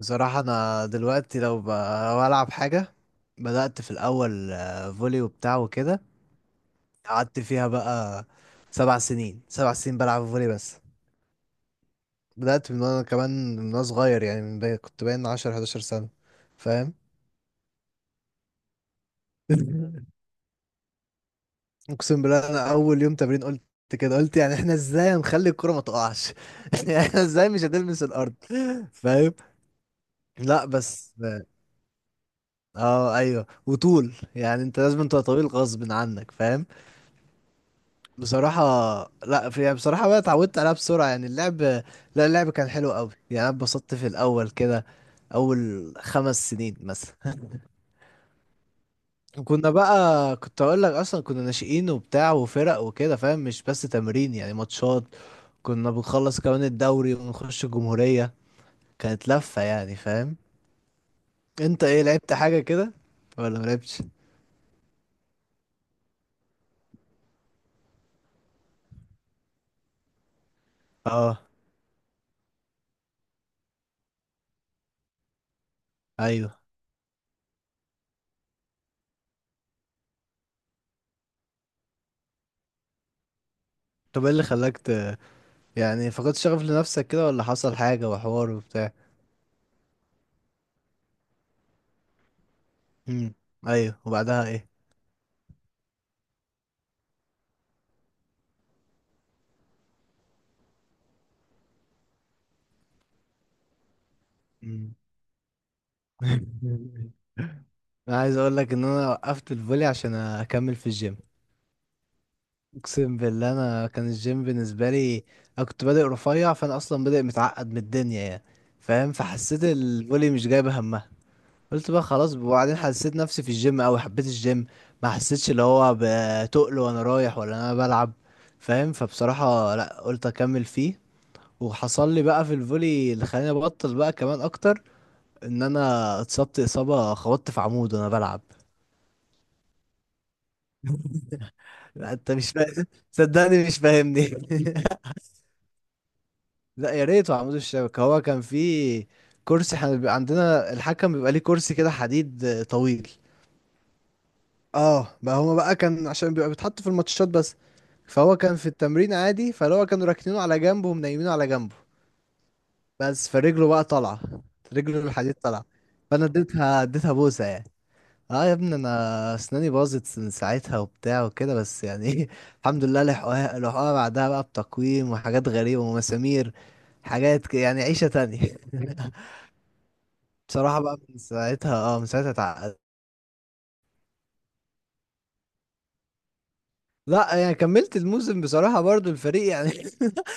بصراحة أنا دلوقتي لو ألعب حاجة. بدأت في الأول، فولي وبتاع وكده. قعدت فيها بقى سبع سنين بلعب فولي بس. بدأت من وأنا صغير، يعني كنت باين 10 أو 11 سنة. فاهم؟ أقسم بالله أنا أول يوم تمرين قلت كده، قلت يعني احنا ازاي هنخلي الكرة ما تقعش؟ يعني احنا ازاي مش هتلمس الأرض. فاهم؟ لا بس. اه ايوه، وطول، يعني انت لازم تبقى طويل غصب عنك. فاهم؟ بصراحة لا، في يعني، بصراحة بقى اتعودت عليها بسرعة، يعني اللعب. لا، اللعب كان حلو قوي يعني، انا اتبسطت في الاول كده، اول 5 سنين مثلا. كنا بقى، كنت اقول لك، اصلا كنا ناشئين وبتاع وفرق وكده. فاهم؟ مش بس تمرين، يعني ماتشات. كنا بنخلص كمان الدوري ونخش الجمهورية. كانت لفة يعني. فاهم؟ انت ايه، لعبت حاجة كده ولا ملعبتش؟ اه، ايوه. طب ايه اللي يعني فقدت شغف لنفسك كده، ولا حصل حاجة وحوار وبتاع؟ امم ايوه، وبعدها ايه؟ مم. انا عايز اقول لك ان انا وقفت الفولي عشان اكمل في الجيم. اقسم بالله انا، كان الجيم بالنسبه لي، انا كنت بادئ رفيع، فانا اصلا بادئ متعقد من الدنيا يعني. فاهم؟ فحسيت الفولي مش جايبه همها. قلت بقى خلاص. وبعدين حسيت نفسي في الجيم اوي، حبيت الجيم. ما حسيتش اللي هو بتقل وانا رايح، ولا انا بلعب. فاهم؟ فبصراحه لا، قلت اكمل فيه. وحصل لي بقى في الفولي اللي خلاني ابطل بقى كمان اكتر، ان انا اتصبت اصابه، خبطت في عمود وانا بلعب. لا انت مش فاهم، صدقني مش فاهمني. لا يا ريت عمود الشبكه. هو كان في كرسي، احنا بيبقى عندنا الحكم بيبقى ليه كرسي كده حديد، طويل. اه، بقى هما بقى كان عشان بيبقى بيتحط في الماتشات بس. فهو كان في التمرين عادي، فاللي هو كانوا راكنينه على جنبه، ومنيمينه على جنبه، بس فرجله بقى طالعه. رجله الحديد طالعه. فانا اديتها بوسه يعني. اه يا ابني، انا اسناني باظت من ساعتها وبتاع وكده، بس يعني ايه. الحمد لله لحقوها، لحقوها بعدها بقى بتقويم وحاجات غريبة ومسامير. يعني عيشة تانية. بصراحة بقى من ساعتها، من ساعتها اتعقدت. لا يعني كملت الموسم بصراحة، برضو الفريق يعني.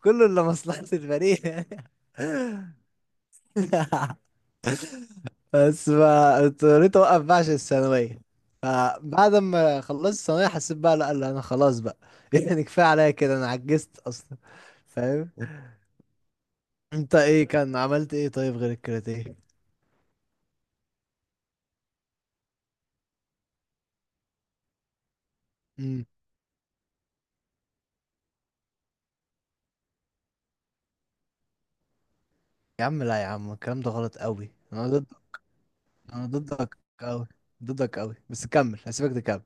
كله الا مصلحة الفريق. بس ما اضطريت اوقف بقى عشان الثانويه. فبعد ما خلصت الثانويه حسيت بقى لا لا، انا خلاص بقى. يعني كفايه عليا كده، انا عجزت اصلا. فاهم؟ انت ايه كان، عملت ايه طيب غير الكاراتيه؟ امم يا عم لا، يا عم الكلام ده غلط قوي، انا ضد. انا ضدك قوي، ضدك قوي. بس كمل، هسيبك تكمل.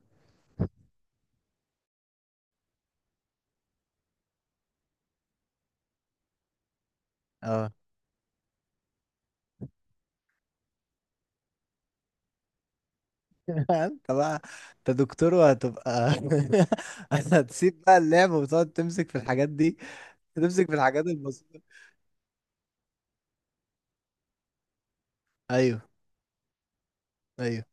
اه. انت بقى، انت دكتور وهتبقى. هتسيب بقى اللعب وتقعد تمسك في الحاجات دي، تمسك في الحاجات البسيطه. ايوه. ايوه،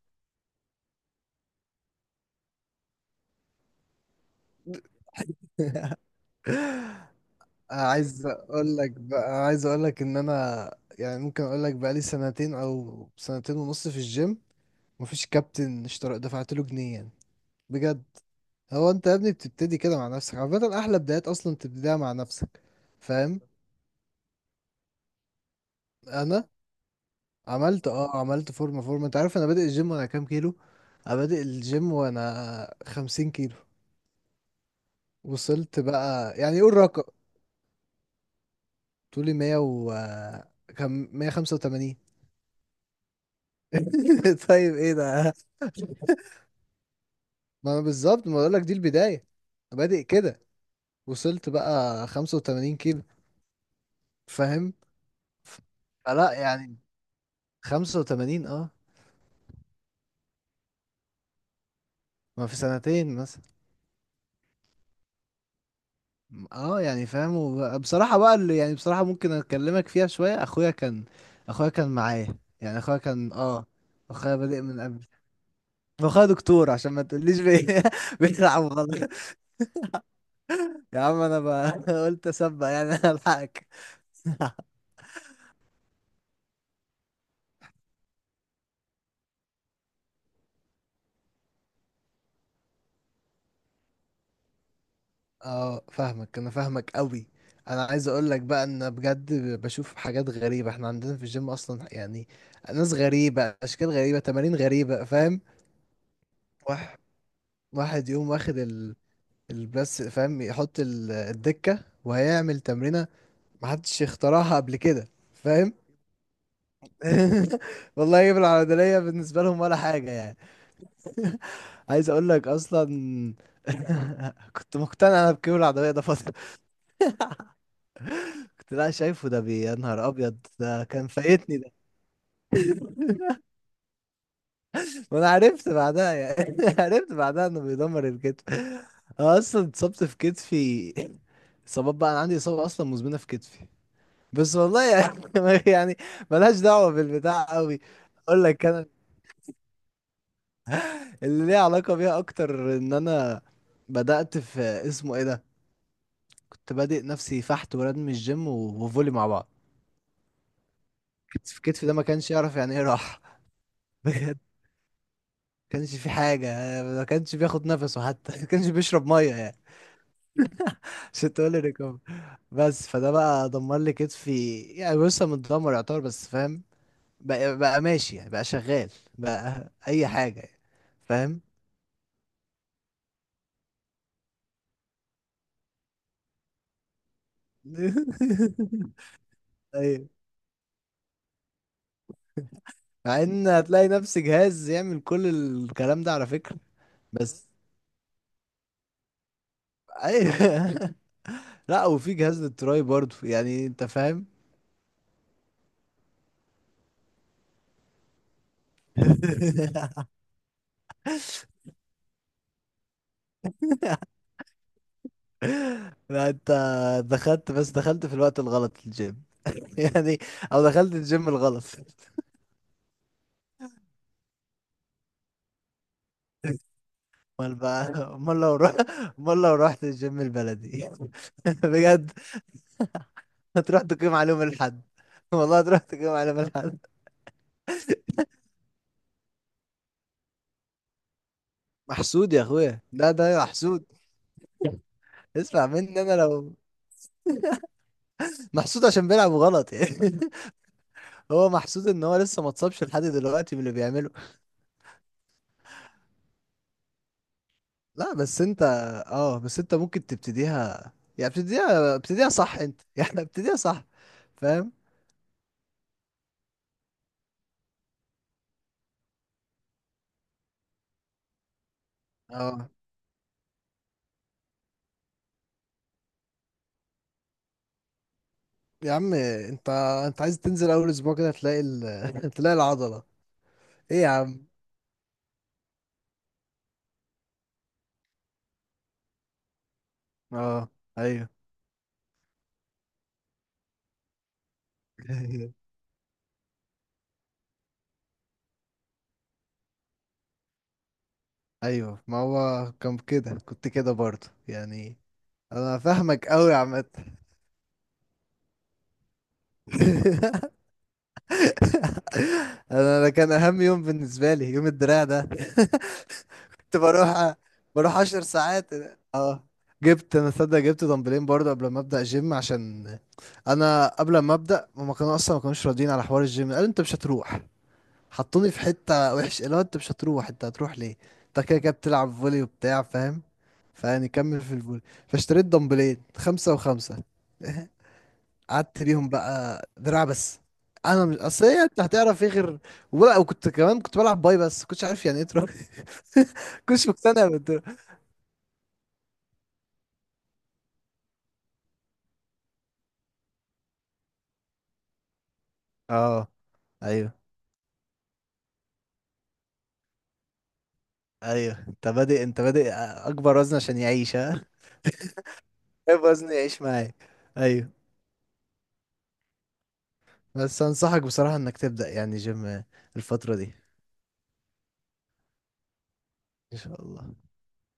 عايز اقول لك ان انا، يعني ممكن اقول لك بقى لي سنتين او سنتين ونص في الجيم. مفيش كابتن اشترى دفعت له جنيه يعني. بجد. هو انت يا ابني بتبتدي كده مع نفسك عامه، احلى بدايات اصلا تبتديها مع نفسك. فاهم؟ انا عملت، عملت فورمه فورمه. انت عارف انا بادئ الجيم وانا كام كيلو؟ انا بادئ الجيم وانا 50 كيلو. وصلت بقى، يعني قول رقم. طولي مية و كم؟ 185. طيب ايه ده؟ ما أنا بالظبط، ما بقولك دي البداية، بادئ كده. وصلت بقى 85 كيلو. فاهم؟ فلا يعني، 85. اه، ما في سنتين مثلا. اه يعني، فاهم؟ بصراحة بقى اللي يعني، بصراحة ممكن اكلمك فيها شوية. اخويا كان معايا، يعني اخويا كان اخويا بادئ من قبل. واخويا دكتور، عشان ما تقوليش بيلعب غلط. يا عم انا بقى قلت اسبق يعني، أنا الحقك. اه فاهمك، فاهمك قوي. انا عايز اقول لك بقى ان بجد بشوف حاجات غريبة احنا عندنا في الجيم اصلا يعني. ناس غريبة، اشكال غريبة، تمارين غريبة. فاهم؟ واحد واحد يقوم واخد البس، فاهم، يحط الدكة وهيعمل تمرينة محدش اخترعها قبل كده. فاهم؟ والله يجيب العضلية بالنسبة لهم ولا حاجة يعني. عايز اقول لك اصلا. كنت مقتنع انا بكيبل العضلية ده فترة، كنت لا شايفه ده يا نهار ابيض ده كان فايتني ده. وانا عرفت بعدها يعني عرفت بعدها انه بيدمر الكتف. أنا اصلا اتصبت في كتفي. اصابات بقى، انا عندي اصابه اصلا مزمنه في كتفي. بس والله يعني يعني ملهاش دعوه بالبتاع قوي. اقول لك انا اللي ليه علاقه بيها اكتر، ان انا بدات في اسمه ايه ده. كنت بادئ نفسي فحت وردم الجيم وفولي مع بعض. كتفي ده ما كانش يعرف يعني ايه راحه. بجد. كانش في حاجة، ما كانش بياخد نفسه حتى ما كانش بيشرب مية يعني عشان تقول لي ريكفري. بس فده بقى دمر لي كتفي، يعني لسه متدمر يعتبر بس. فاهم؟ بقى ماشي، يعني بقى شغال، بقى أي حاجة يعني. فاهم؟ ايوه، مع ان هتلاقي نفس جهاز يعمل كل الكلام ده على فكرة. بس، ايوه. لا، وفي جهاز للتراي برضه، يعني انت فاهم؟ لا انت، دخلت في الوقت الغلط الجيم. يعني، او دخلت الجيم الغلط. امال بقى، امال لو رحت امال لو رحت الجيم البلدي. بجد. هتروح تقيم عليهم الحد. والله هتروح تقيم عليهم الحد. محسود يا اخويا، لا ده ايوه محسود. اسمع مني، انا لو محسود عشان بيلعب غلط يعني. هو محسود ان هو لسه ما اتصابش لحد دلوقتي من اللي بيعمله. لا بس انت، اه بس انت ممكن تبتديها، يعني ابتديها، ابتديها صح. انت يعني ابتديها صح. فاهم؟ اه يا عم. انت، انت عايز تنزل اول اسبوع كده تلاقي تلاقي العضلة. ايه يا عم؟ اه. ايوه. ايوه، ما هو كان كده، كنت كده برضه يعني. انا فاهمك قوي يا عم. أنا كان اهم يوم بالنسبة لي يوم الدراع ده. كنت بروح، 10 ساعات. اه. جبت انا، صدق جبت دمبلين برضه قبل ما ابدا جيم، عشان انا قبل ما ابدا هما كانوا اصلا ما كانوش راضيين على حوار الجيم. قالوا انت مش هتروح، حطوني في حته وحش، اللي هو انت مش هتروح، انت هتروح ليه؟ انت كده كده بتلعب فولي وبتاع. فاهم؟ فيعني كمل في الفولي. فاشتريت دمبلين 5 و5، قعدت ليهم بقى دراع بس. انا مش اصل إيه، انت هتعرف ايه غير؟ ولا، وكنت كمان كنت بلعب باي بس، كنتش عارف يعني ايه تروح. كنتش مقتنع بالدراع. اه، ايوه. ايوه، انت بادئ اكبر وزن عشان يعيش ها. ايه وزن يعيش معايا. ايوه. بس انصحك بصراحة انك تبدأ يعني جيم الفترة دي. ان شاء الله.